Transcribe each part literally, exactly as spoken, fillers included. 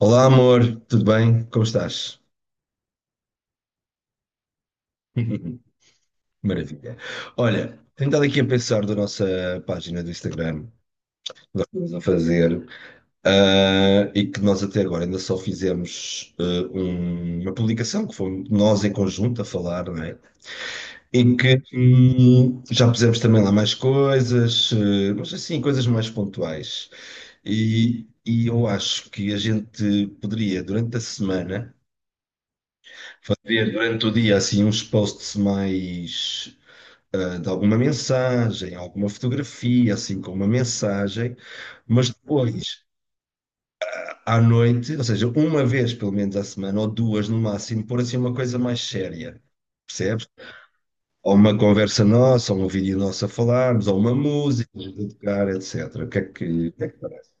Olá, amor, tudo bem? Como estás? Maravilha. Olha, tenho estado aqui a pensar da nossa página do Instagram, que nós estamos a fazer, ah, e que nós até agora ainda só fizemos ah, um- uma publicação, que foi nós em conjunto a falar, não é? Em que hum, já pusemos também lá mais coisas, ah, mas assim, coisas mais pontuais. E, e eu acho que a gente poderia, durante a semana, fazer durante o dia assim uns posts mais ah, de alguma mensagem, alguma fotografia, assim com uma mensagem, mas depois à noite, ou seja, uma vez pelo menos à semana ou duas no máximo, pôr assim uma coisa mais séria, percebes? Ou uma conversa nossa, ou um vídeo nosso a falarmos, ou uma música, de tocar, etcetera. O que é que, o que é que parece?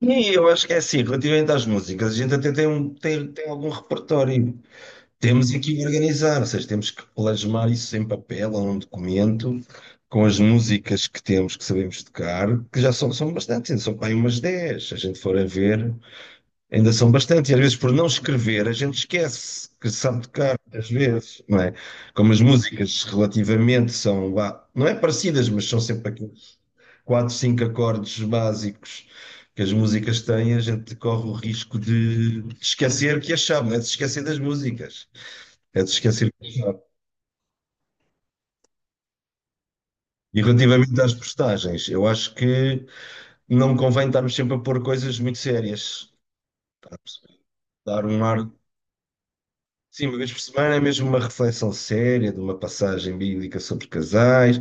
E eu acho que é assim, relativamente às músicas, a gente até tem, um, tem, tem algum repertório. Temos aqui organizar, ou seja, temos que plasmar isso em papel ou num documento, com as músicas que temos, que sabemos tocar, que já são, são bastantes, ainda são para aí umas dez, se a gente for a ver, ainda são bastantes. E às vezes, por não escrever, a gente esquece que sabe tocar, às vezes, não é? Como as músicas relativamente são, vá, não é parecidas, mas são sempre aqueles quatro, cinco acordes básicos que as músicas têm, a gente corre o risco de esquecer que as sabe, não é? De se esquecer das músicas. É de esquecer de pensar. E relativamente às postagens, eu acho que não convém estarmos sempre a pôr coisas muito sérias. Tá? Dar um ar. Sim, uma vez por semana é mesmo uma reflexão séria de uma passagem bíblica sobre casais,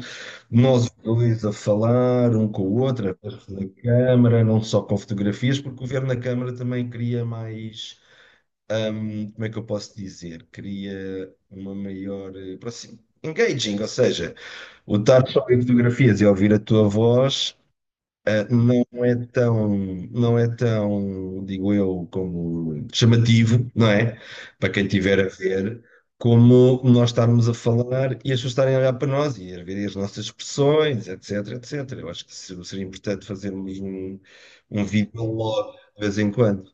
nós dois a falar um com o outro, através da câmara, não só com fotografias, porque o ver na câmara também cria mais. Hum, como é que eu posso dizer? Cria uma maior. eh, proxim- Engaging, ou seja, o estar só em fotografias e ouvir a tua voz Uh, não é tão, não é tão, digo eu, como chamativo, não é? Para quem tiver a ver, como nós estarmos a falar e as pessoas estarem a olhar para nós e a ver as nossas expressões, etc, etcetera. Eu acho que se- seria importante fazermos um, um vídeo logo de vez em quando.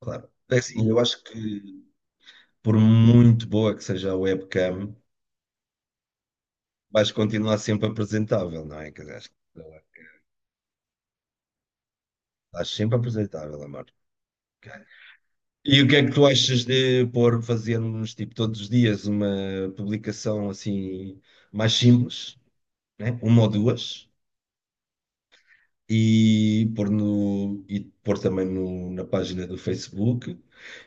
Claro, é assim, eu acho que por muito boa que seja a webcam, vais continuar sempre apresentável, não é? Quer dizer, acho que estás sempre apresentável, amor. E o que é que tu achas de pôr, fazermos tipo todos os dias uma publicação assim mais simples, né? Uma ou duas, e pôr no e pôr também no- na página do Facebook.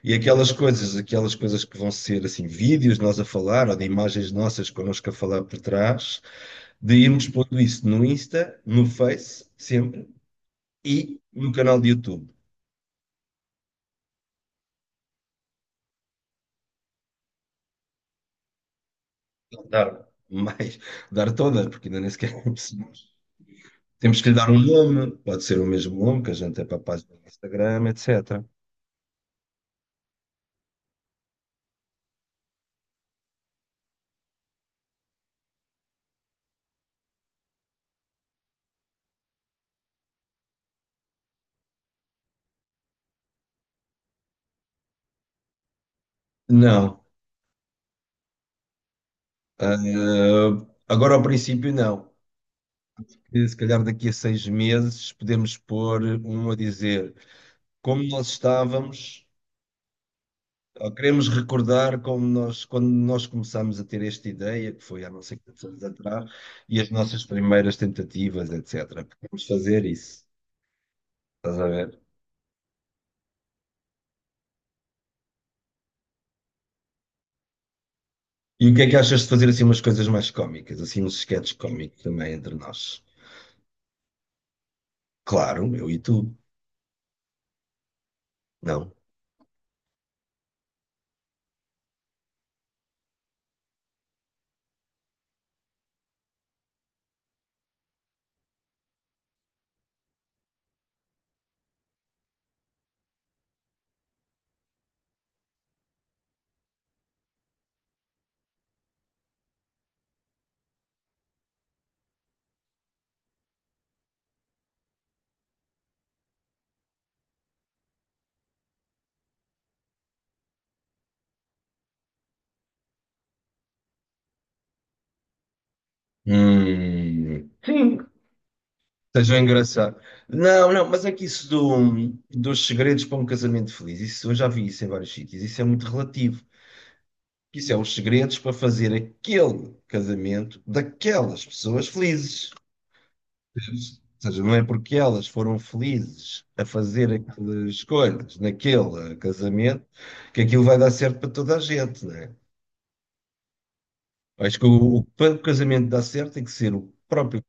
E aquelas coisas, aquelas coisas que vão ser assim vídeos de nós a falar ou de imagens nossas connosco a falar por trás, de irmos pondo isso no Insta, no Face, sempre, e no canal de YouTube. Dar mais, dar todas, porque ainda nem sequer temos que lhe dar um nome, pode ser o mesmo nome que a gente é para a página do Instagram, etcetera. Não. Ah, agora, ao princípio, não. E se calhar daqui a seis meses podemos pôr um a dizer como nós estávamos, ou queremos recordar como nós, quando nós começámos a ter esta ideia, que foi há não sei quantos anos atrás, e as nossas primeiras tentativas, etcetera. Podemos fazer isso, estás a ver? E o que é que achas de fazer assim umas coisas mais cómicas, assim uns sketches cómicos também entre nós? Claro, meu, e tu? Não. Hum, sim. Seja engraçado. Não, não, mas é que isso do, dos segredos para um casamento feliz, isso eu já vi isso em vários sítios, isso é muito relativo. Isso é os segredos para fazer aquele casamento daquelas pessoas felizes. Ou seja, não é porque elas foram felizes a fazer aquelas escolhas naquele casamento que aquilo vai dar certo para toda a gente, não é? Acho que o, o, para o casamento dar certo tem que ser o próprio.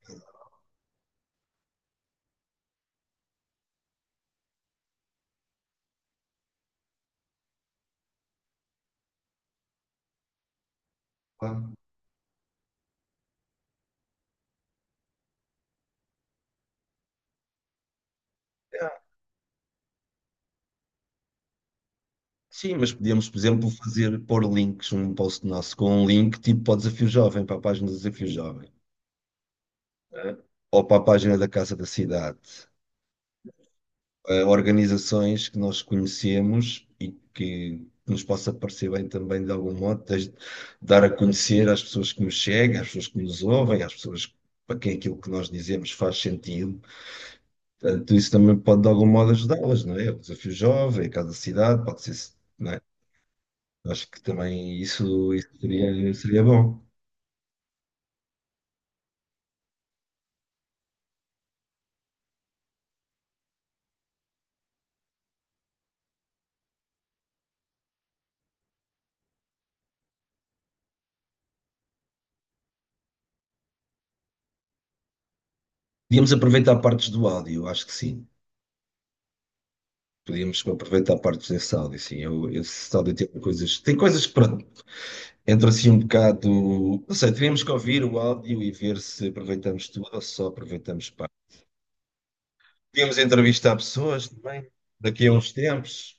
Sim, mas podíamos, por exemplo, fazer pôr links, um post nosso com um link tipo para o Desafio Jovem, para a página do Desafio Jovem, né? Ou para a página da Casa da Cidade. Eh, organizações que nós conhecemos e que nos possa parecer bem também de algum modo, desde dar a conhecer às pessoas que nos chegam, às pessoas que nos ouvem, às pessoas para quem aquilo que nós dizemos faz sentido. Portanto, isso também pode de algum modo ajudá-las, não é? O Desafio Jovem, a Casa da Cidade, pode ser, acho que também isso, isso seria, seria bom. Podíamos aproveitar partes do áudio, acho que sim. Podíamos aproveitar partes desse áudio, sim. Eu, esse áudio tem coisas. Tem coisas que, pronto, entra assim um bocado. Não sei, teríamos que ouvir o áudio e ver se aproveitamos tudo ou só aproveitamos parte. Podíamos entrevistar pessoas também, daqui a uns tempos.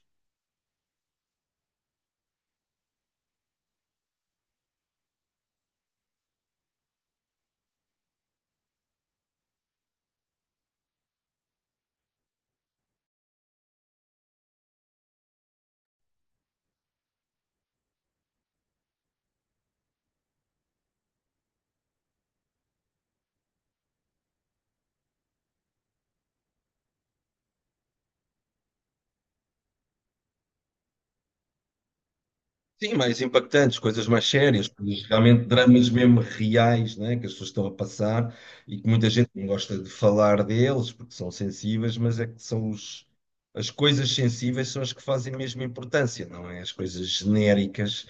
Sim, mais impactantes, coisas mais sérias, coisas realmente dramas mesmo reais, né, que as pessoas estão a passar e que muita gente não gosta de falar deles porque são sensíveis, mas é que são os, as coisas sensíveis são as que fazem mesmo importância, não é? As coisas genéricas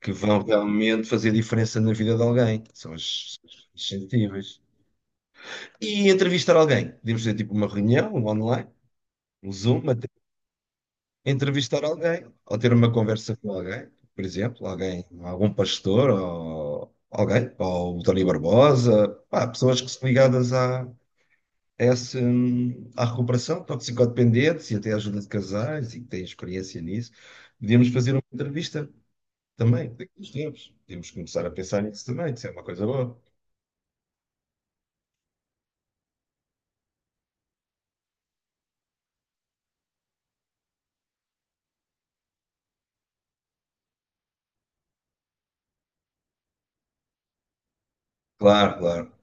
que vão realmente fazer diferença na vida de alguém, são as, as sensíveis. E entrevistar alguém, podemos ter tipo uma reunião online, um Zoom, entrevistar alguém ou ter uma conversa com alguém, por exemplo, alguém, algum pastor ou alguém, ou o Tony Barbosa, pá, pessoas que são ligadas à, a essa, hum, à recuperação, toxicodependentes e até à ajuda de casais e que têm experiência nisso. Podíamos fazer uma entrevista também, daqui a uns tempos. Podíamos começar a pensar nisso também, isso é uma coisa boa. Claro, claro.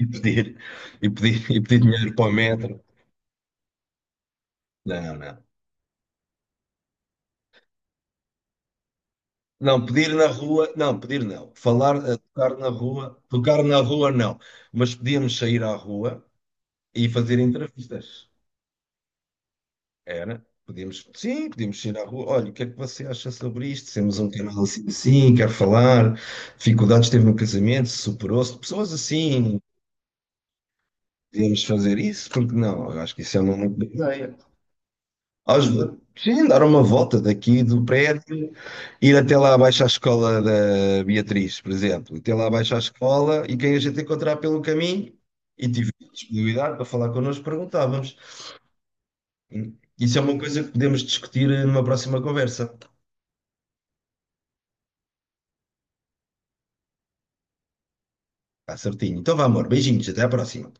E pedir, e pedir, e pedir dinheiro para o metro. Não, não. Não, pedir na rua, não, pedir não. Falar, eh, tocar na rua, tocar na rua não. Mas podíamos sair à rua e fazer entrevistas. Era? Podíamos, sim, podíamos sair à rua. Olha, o que é que você acha sobre isto? Temos um canal assim, assim, quero falar. Dificuldades teve no casamento, superou-se. Pessoas assim, podíamos fazer isso, porque não? Eu acho que isso é uma muito boa ideia. Aos, sim, dar uma volta daqui do prédio, ir até lá abaixo à escola da Beatriz, por exemplo, até lá abaixo à escola e quem a gente encontrar pelo caminho e tiver disponibilidade para falar connosco, perguntávamos. Isso é uma coisa que podemos discutir numa próxima conversa. Está certinho. Então vá, amor, beijinhos, até à próxima.